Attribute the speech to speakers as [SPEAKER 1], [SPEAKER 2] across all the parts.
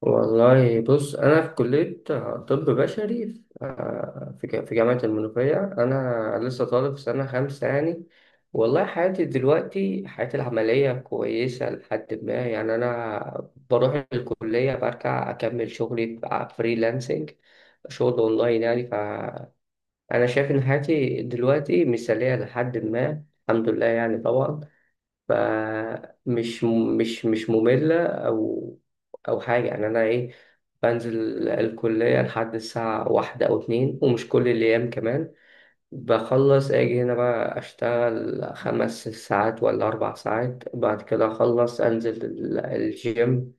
[SPEAKER 1] والله، بص، أنا في كلية طب بشري في آه، في ج- في جامعة المنوفية. أنا لسه طالب في سنة خمسة، يعني. والله، حياتي دلوقتي، حياتي العملية كويسة لحد ما، يعني. أنا بروح الكلية برجع أكمل شغلي فريلانسنج، شغل أونلاين، يعني. فأنا شايف إن حياتي دلوقتي مثالية لحد ما. الحمد لله، يعني، طبعا. فمش مش مش مملة أو حاجة، يعني. أنا إيه، بنزل الكلية لحد الساعة واحدة أو اتنين، ومش كل الأيام كمان. بخلص أجي هنا بقى، أشتغل 5 ساعات ولا 4 ساعات. بعد كده أخلص أنزل الجيم.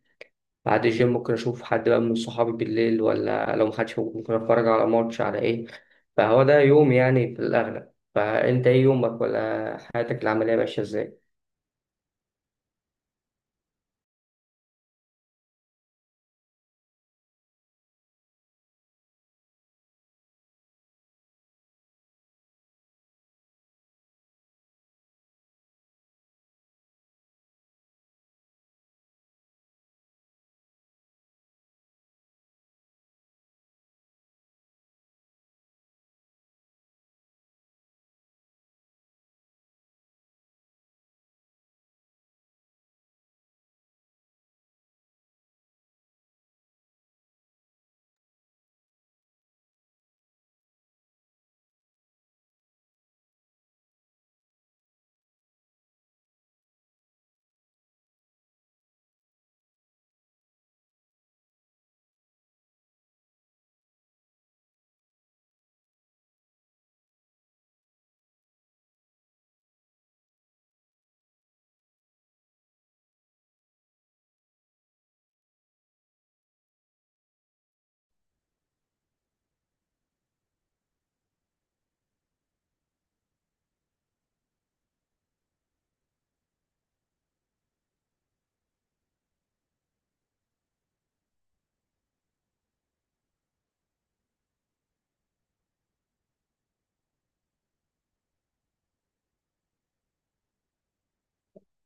[SPEAKER 1] بعد الجيم ممكن أشوف حد بقى من صحابي بالليل، ولا لو محدش موجود ممكن أتفرج على ماتش، على إيه. فهو ده يوم، يعني، في الأغلب. فأنت إيه يومك، ولا حياتك العملية ماشية إزاي؟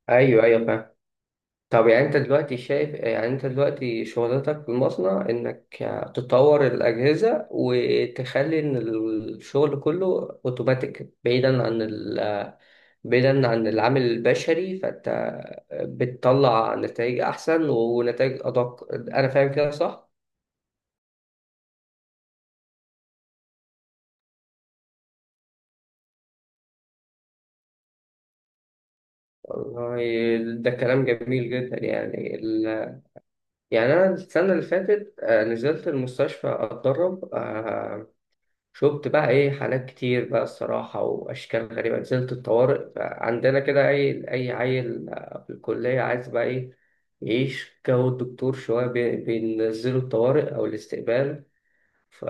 [SPEAKER 1] أيوه، أيوه، فاهم. طب، يعني، انت دلوقتي شغلتك في المصنع انك تطور الاجهزه، وتخلي ان الشغل كله اوتوماتيك، بعيدا عن بعيدا عن العامل البشري. فانت بتطلع نتائج احسن ونتائج ادق. انا فاهم كده، صح؟ والله، ده كلام جميل جدا، يعني يعني انا السنه اللي فاتت نزلت المستشفى، اتدرب. شفت بقى ايه حالات كتير بقى، الصراحة، وأشكال غريبة. نزلت الطوارئ بقى عندنا كده، أي عيل في الكلية عايز بقى ايه يعيش جو الدكتور شوية، بينزلوا الطوارئ أو الاستقبال. ف...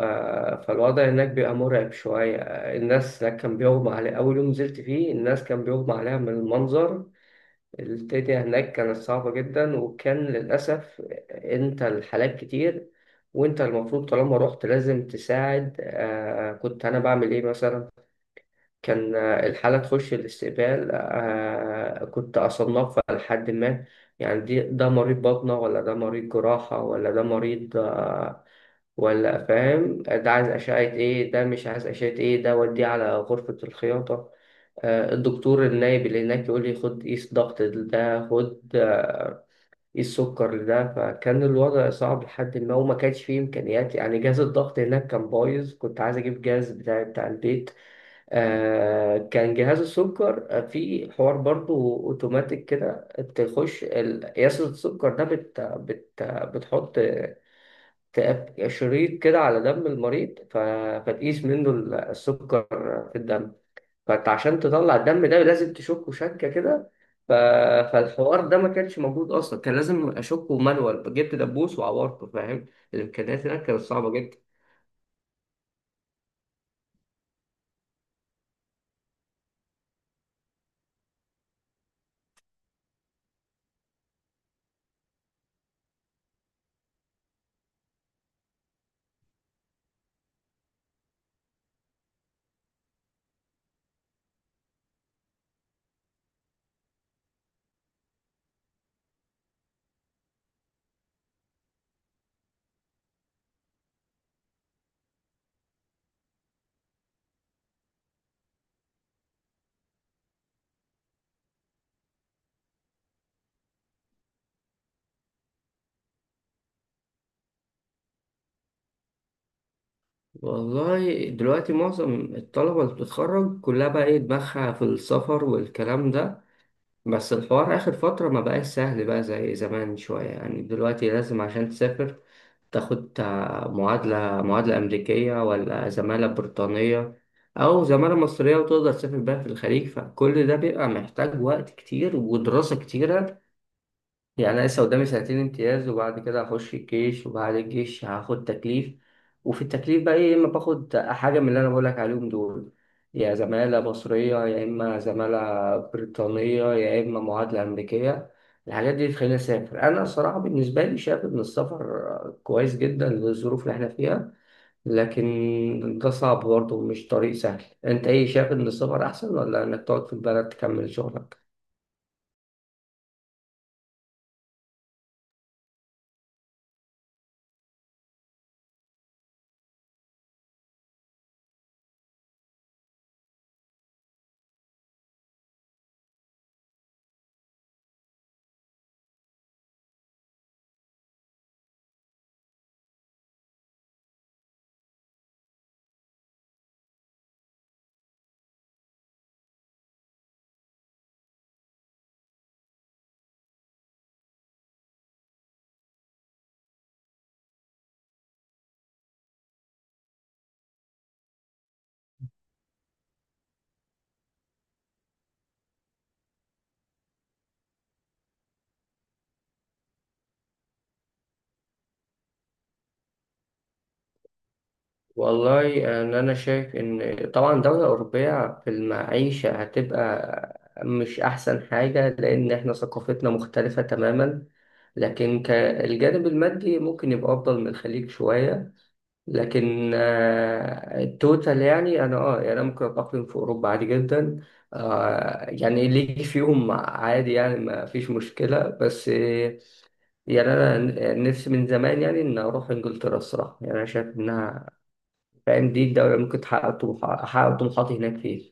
[SPEAKER 1] فالوضع هناك بيبقى مرعب شوية. الناس هناك كان بيغمى عليها. أول يوم نزلت فيه، الناس كان بيغمى عليها من المنظر. الدنيا هناك كانت صعبة جدا، وكان للأسف أنت الحالات كتير، وأنت المفروض طالما رحت لازم تساعد. كنت أنا بعمل إيه، مثلا؟ كان الحالة تخش الاستقبال، كنت أصنفها. لحد ما، يعني، ده مريض بطنة، ولا ده مريض جراحة، ولا ده مريض ولا فاهم، ده عايز أشعة إيه، ده مش عايز أشعة إيه، ده وديه على غرفة الخياطة. الدكتور النايب اللي هناك يقول لي خد قيس ضغط ده، خد قيس سكر ده. فكان الوضع صعب لحد ما، وما كانش فيه إمكانيات، يعني. جهاز الضغط هناك كان بايظ، كنت عايز أجيب جهاز بتاع البيت. كان جهاز السكر في حوار برضو أوتوماتيك كده. تخش قياس السكر ده، بت بت بتحط شريط كده على دم المريض. فتقيس منه السكر في الدم. فانت عشان تطلع الدم ده لازم تشكه، شكه كده. ف... فالحوار ده ما كانش موجود اصلا. كان لازم اشكه مانوال، جبت دبوس وعورته، فاهم. الامكانيات هناك كانت صعبه جدا. والله، دلوقتي معظم الطلبه اللي بتتخرج كلها بقى ايه دماغها في السفر والكلام ده. بس الحوار آخر فترة ما بقاش سهل بقى زي زمان شوية، يعني. دلوقتي لازم عشان تسافر تاخد معادلة أمريكية، ولا زمالة بريطانية، أو زمالة مصرية وتقدر تسافر بيها في الخليج. فكل ده بيبقى محتاج وقت كتير ودراسة كتيرة. يعني أنا لسه قدامي سنتين امتياز، وبعد كده هخش الجيش، وبعد الجيش هاخد تكليف. وفي التكليف بقى إيه، إما باخد حاجة من اللي أنا بقولك عليهم دول، يا زمالة مصرية، يا إما زمالة بريطانية، يا إما معادلة أمريكية. الحاجات دي تخليني أسافر. أنا الصراحة بالنسبة لي شايف إن السفر كويس جدا للظروف اللي إحنا فيها، لكن ده صعب برضه، مش طريق سهل. أنت إيه شايف، إن السفر أحسن ولا إنك تقعد في البلد تكمل شغلك؟ والله، أنا شايف إن طبعا دولة أوروبية في المعيشة هتبقى مش أحسن حاجة، لأن إحنا ثقافتنا مختلفة تماما. لكن كالجانب المادي ممكن يبقى أفضل من الخليج شوية. لكن التوتال، يعني، أنا أه يعني أنا ممكن أتأقلم في أوروبا عادي جدا. يعني اللي يجي فيهم عادي، يعني، ما فيش مشكلة. بس يعني أنا نفسي من زمان، يعني، إن أروح إنجلترا، الصراحة. يعني أنا شايف إنها، فاهم، دي الدولة ممكن تحقق أحقق طموحاتي هناك، فيه.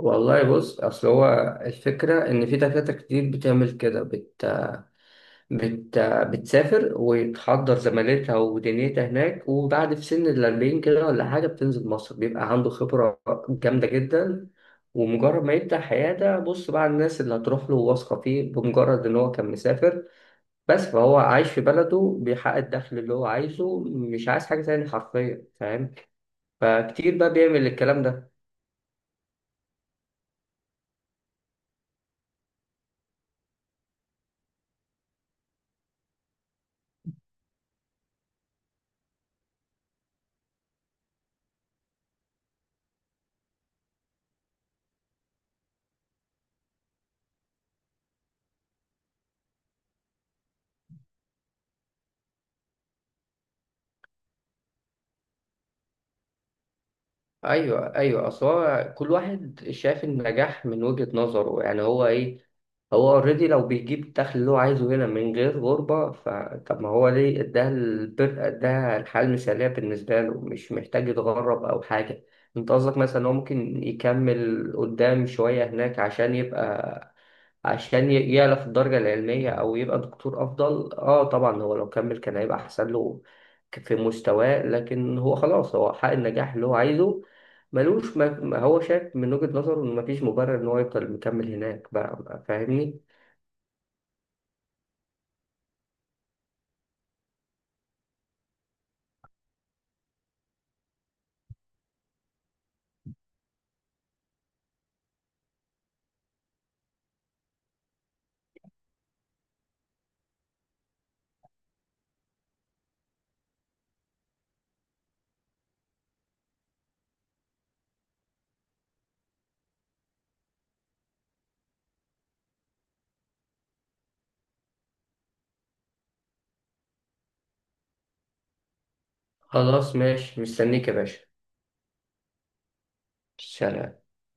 [SPEAKER 1] والله، بص، أصل هو الفكرة إن في دكاترة كتير بتعمل كده، بت... بتسافر وتحضر زمالتها ودنيتها هناك. وبعد في سن الأربعين كده، ولا حاجة، بتنزل مصر بيبقى عنده خبرة جامدة جدا. ومجرد ما يبدأ حياة ده، بص بقى، الناس اللي هتروح له واثقة فيه بمجرد إن هو كان مسافر بس. فهو عايش في بلده بيحقق الدخل اللي هو عايزه، مش عايز حاجة تاني حرفيا، فاهم. فكتير بقى بيعمل الكلام ده. ايوه، ايوه، اصل هو كل واحد شايف النجاح من وجهة نظره، يعني. هو ايه، هو اوريدي لو بيجيب الدخل اللي هو عايزه هنا من غير غربة، فطب ما هو ليه، اداها البر، اداها الحياة المثالية بالنسبة له. مش محتاج يتغرب او حاجة. انت قصدك مثلا هو ممكن يكمل قدام شوية هناك عشان يبقى، يعلى في الدرجة العلمية، أو يبقى دكتور أفضل. اه طبعا، هو لو كمل كان هيبقى أحسن له في مستواه. لكن هو خلاص، هو حقق النجاح اللي هو عايزه. ملوش، ما هو شايف من وجهة نظره إن مفيش مبرر إن هو يفضل مكمل هناك، بقى، فاهمني؟ خلاص، ماشي، مستنيك يا باشا. سلام.